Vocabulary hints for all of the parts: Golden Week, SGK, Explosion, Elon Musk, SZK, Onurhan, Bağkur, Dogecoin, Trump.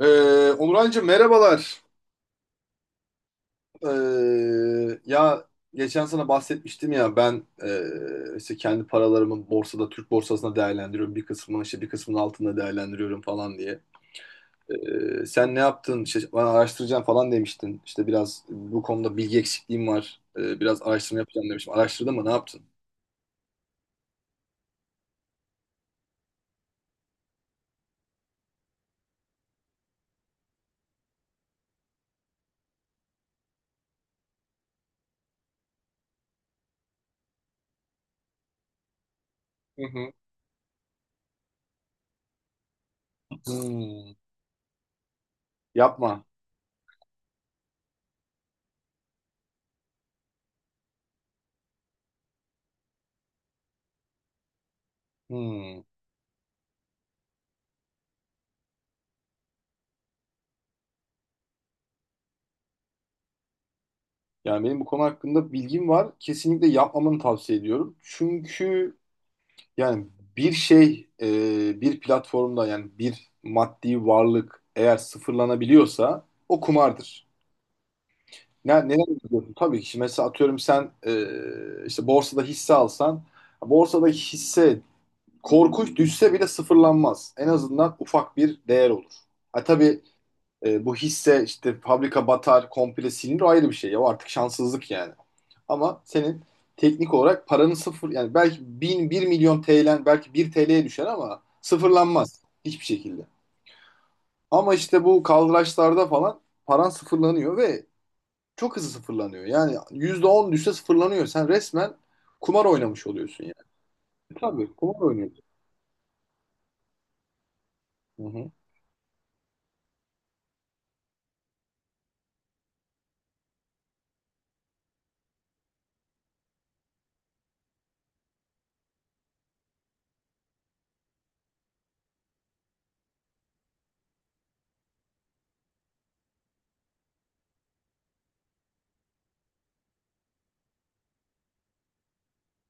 Onurhan'cığım merhabalar. Ya, geçen sana bahsetmiştim ya ben işte kendi paralarımı borsada Türk borsasında değerlendiriyorum. Bir kısmını işte bir kısmını altında değerlendiriyorum falan diye. Sen ne yaptın? İşte bana araştıracağım falan demiştin. İşte biraz bu konuda bilgi eksikliğim var. Biraz araştırma yapacağım demiştim. Araştırdın mı? Ne yaptın? Hı hı. Hmm, yapma. Hmm. Yani benim bu konu hakkında bilgim var. Kesinlikle yapmamanı tavsiye ediyorum. Çünkü yani bir şey, bir platformda yani bir maddi varlık eğer sıfırlanabiliyorsa o kumardır. Neden diyorsun? Tabii ki şimdi mesela atıyorum sen, işte borsada hisse alsan borsadaki hisse korkunç düşse bile sıfırlanmaz. En azından ufak bir değer olur. Ha, tabii, bu hisse işte fabrika batar, komple silinir, o ayrı bir şey. Ya, o artık şanssızlık yani. Ama senin teknik olarak paranın sıfır, yani belki bin, bir milyon TL'den belki bir TL'ye düşer ama sıfırlanmaz hiçbir şekilde. Ama işte bu kaldıraçlarda falan paran sıfırlanıyor ve çok hızlı sıfırlanıyor. Yani %10 düşse sıfırlanıyor. Sen resmen kumar oynamış oluyorsun yani. Tabii kumar oynuyorsun. Hı hı,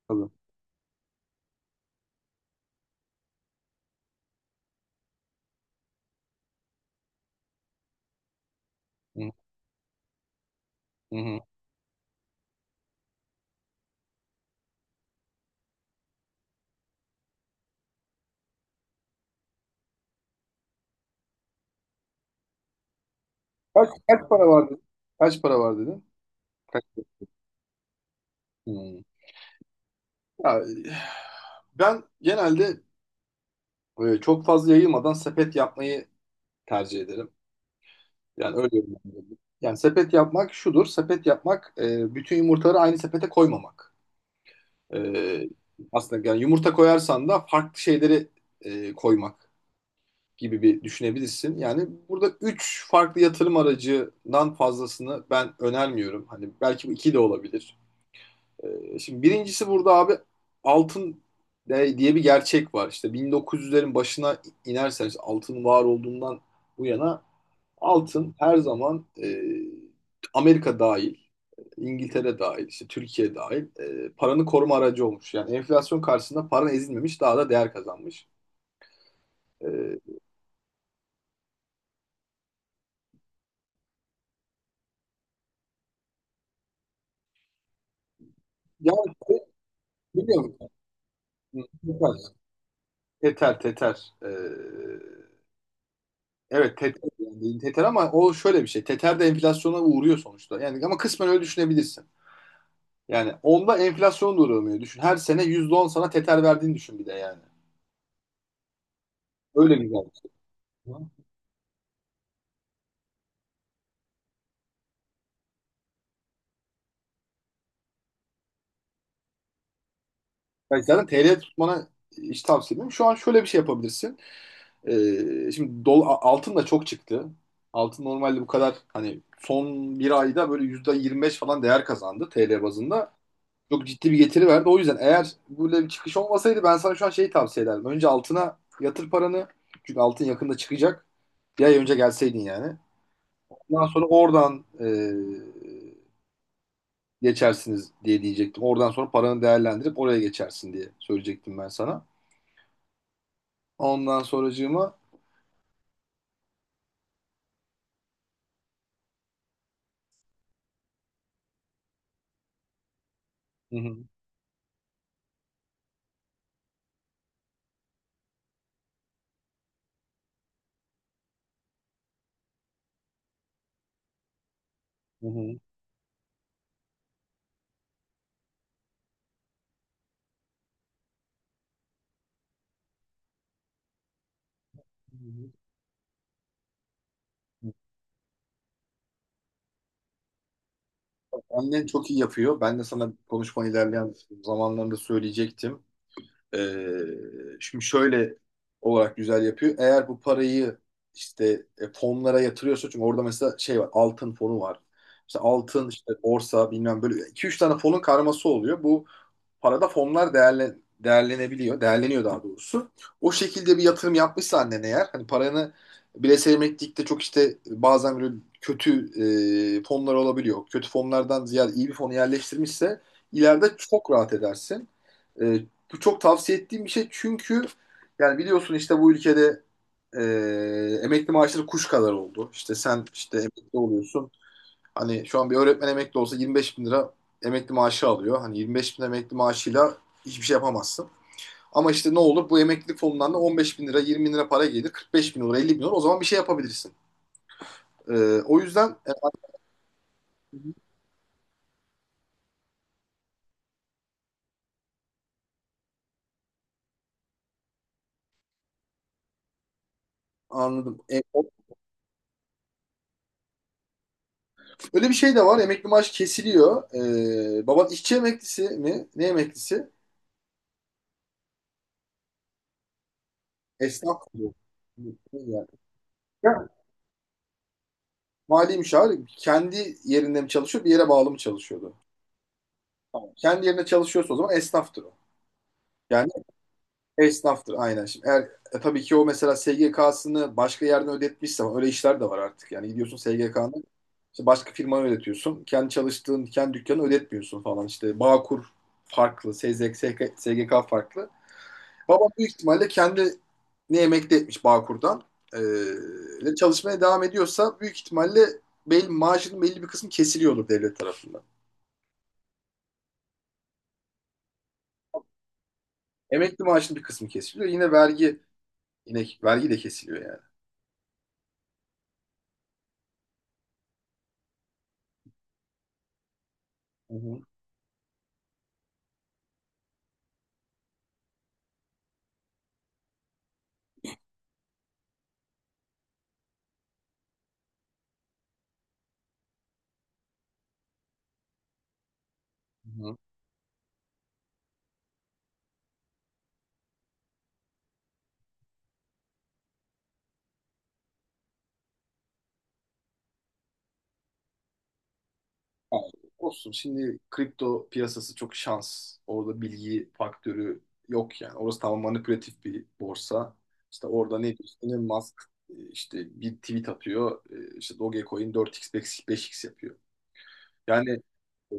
tabii. Hı hı. Kaç para var dedin? Kaç para var dedin? Kaç? Hmm. Ya, ben genelde, çok fazla yayılmadan sepet yapmayı tercih ederim. Yani öyle yorumlayabilirim. Yani sepet yapmak şudur. Sepet yapmak, bütün yumurtaları aynı sepete koymamak. E, aslında yani yumurta koyarsan da farklı şeyleri, koymak gibi bir düşünebilirsin. Yani burada üç farklı yatırım aracından fazlasını ben önermiyorum. Hani belki bu iki de olabilir. Şimdi birincisi burada abi altın diye bir gerçek var. İşte 1900'lerin başına inerseniz altın var olduğundan bu yana altın her zaman, Amerika dahil, İngiltere dahil, işte Türkiye dahil, paranı koruma aracı olmuş. Yani enflasyon karşısında paran ezilmemiş, daha da değer kazanmış. E, yani biliyor musun? Teter. Teter. E, Evet, teter yani dediğin teter ama o şöyle bir şey. Teter de enflasyona uğruyor sonuçta. Yani ama kısmen öyle düşünebilirsin. Yani onda enflasyon da uğramıyor. Düşün her sene %10 sana teter verdiğini düşün bir de yani. Öyle güzel bir şey. Yani zaten TL tutmana hiç tavsiye etmiyorum. Şu an şöyle bir şey yapabilirsin. Şimdi altın da çok çıktı. Altın normalde bu kadar hani son bir ayda böyle %25 falan değer kazandı TL bazında. Çok ciddi bir getiri verdi. O yüzden eğer böyle bir çıkış olmasaydı ben sana şu an şeyi tavsiye ederdim. Önce altına yatır paranı. Çünkü altın yakında çıkacak. Bir ay önce gelseydin yani. Ondan sonra oradan, geçersiniz diye diyecektim. Oradan sonra paranı değerlendirip oraya geçersin diye söyleyecektim ben sana. Ondan sonracığıma. Hı hı, hı hı, hı hı. Annen çok iyi yapıyor. Ben de sana konuşma ilerleyen zamanlarında söyleyecektim. Şimdi şöyle olarak güzel yapıyor. Eğer bu parayı işte, fonlara yatırıyorsa çünkü orada mesela şey var, altın fonu var. İşte altın işte borsa bilmem böyle iki üç tane fonun karması oluyor. Bu parada fonlar değerlenebiliyor. Değerleniyor daha doğrusu. O şekilde bir yatırım yapmışsa annen eğer, hani paranı bireysel emeklilikte çok işte bazen böyle kötü, fonlar olabiliyor. Kötü fonlardan ziyade iyi bir fonu yerleştirmişse ileride çok rahat edersin. E, bu çok tavsiye ettiğim bir şey çünkü yani biliyorsun işte bu ülkede, emekli maaşları kuş kadar oldu. İşte sen işte emekli oluyorsun. Hani şu an bir öğretmen emekli olsa 25 bin lira emekli maaşı alıyor. Hani 25 bin emekli maaşıyla hiçbir şey yapamazsın. Ama işte ne olur, bu emeklilik fonundan da 15 bin lira, 20 bin lira para gelir. 45 bin olur, 50 bin olur, o zaman bir şey yapabilirsin. Ee, o yüzden, anladım. Öyle bir şey de var, emekli maaş kesiliyor. Baban işçi emeklisi mi? Ne emeklisi? Esnaf mı? Yani. Ya, mali müşavir kendi yerinde mi çalışıyor, bir yere bağlı mı çalışıyordu? Tamam. Kendi yerine çalışıyorsa o zaman esnaftır o. Yani esnaftır aynen. Şimdi eğer, tabii ki o mesela SGK'sını başka yerden ödetmişse öyle işler de var artık. Yani gidiyorsun SGK'nı işte başka firmaya ödetiyorsun. Kendi çalıştığın, kendi dükkanı ödetmiyorsun falan. İşte Bağkur farklı, SZK, SGK farklı. Babam büyük ihtimalle kendi ne emekli etmiş Bağkur'dan. Ee, ve çalışmaya devam ediyorsa büyük ihtimalle maaşının belli bir kısmı kesiliyordur devlet tarafından. Emekli maaşının bir kısmı kesiliyor. Yine vergi de kesiliyor yani. Hı hı. Yani olsun, şimdi kripto piyasası çok şans. Orada bilgi faktörü yok yani. Orası tamamen manipülatif bir borsa. İşte orada ne diyorsun? Elon Musk, işte bir tweet atıyor. İşte Dogecoin 4x 5x yapıyor. Yani e,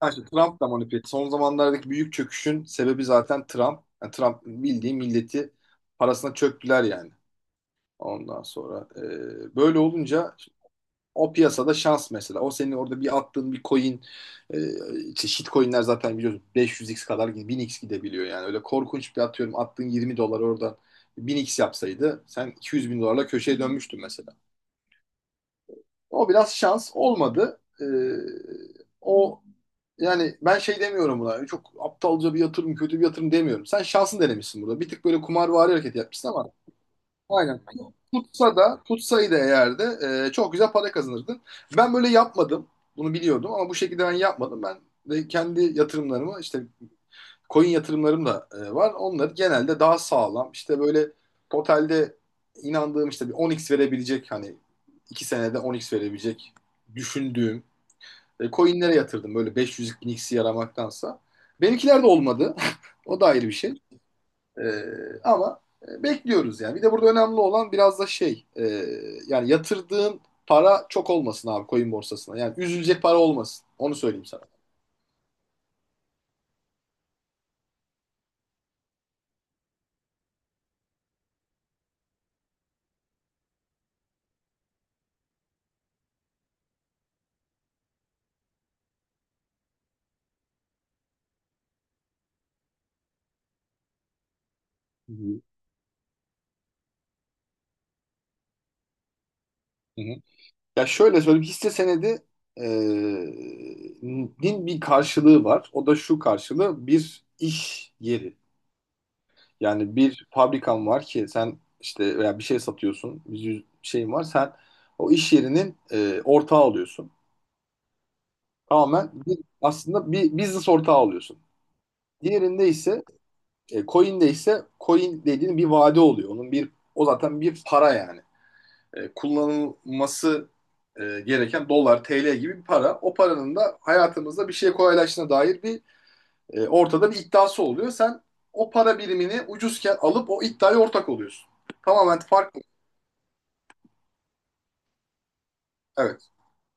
Ha, işte Trump da manipülatif. Son zamanlardaki büyük çöküşün sebebi zaten Trump. Yani Trump bildiği milleti parasına çöktüler yani. Ondan sonra, böyle olunca o piyasada şans mesela. O senin orada bir attığın bir coin, e, işte shitcoin'ler zaten biliyorsun 500x kadar 1000x gidebiliyor yani. Öyle korkunç bir, atıyorum, attığın 20 dolar oradan bin x yapsaydı sen 200 bin dolarla köşeye dönmüştün mesela. O biraz şans olmadı. E, o Yani ben şey demiyorum buna. Çok aptalca bir yatırım, kötü bir yatırım demiyorum. Sen şansın denemişsin burada. Bir tık böyle kumarvari hareket yapmışsın ama. Aynen. Tutsa da tutsaydı eğer de, çok güzel para kazanırdın. Ben böyle yapmadım. Bunu biliyordum ama bu şekilde ben yapmadım. Ben de kendi yatırımlarımı işte, coin yatırımlarım da, var. Onları genelde daha sağlam işte böyle totalde inandığım, işte bir 10x verebilecek, hani 2 senede 10x verebilecek düşündüğüm, coinlere yatırdım, böyle 500 bin x yaramaktansa. Benimkiler de olmadı. O da ayrı bir şey. Ama, bekliyoruz yani. Bir de burada önemli olan biraz da şey, yani yatırdığın para çok olmasın abi coin borsasına. Yani üzülecek para olmasın. Onu söyleyeyim sana. Hı hı. Hı hı. Ya, şöyle söyleyeyim, hisse senedi din bir karşılığı var. O da şu, karşılığı bir iş yeri. Yani bir fabrikan var ki sen işte veya bir şey satıyorsun, bir şeyin var. Sen o iş yerinin, ortağı oluyorsun. Tamamen bir, aslında bir business ortağı oluyorsun. Diğerinde ise Coin'de ise coin dediğin bir vade oluyor. Onun bir O zaten bir para yani. Kullanılması, gereken dolar, TL gibi bir para. O paranın da hayatımızda bir şey kolaylaştığına dair bir, ortada bir iddiası oluyor. Sen o para birimini ucuzken alıp o iddiaya ortak oluyorsun. Tamamen farklı. Evet.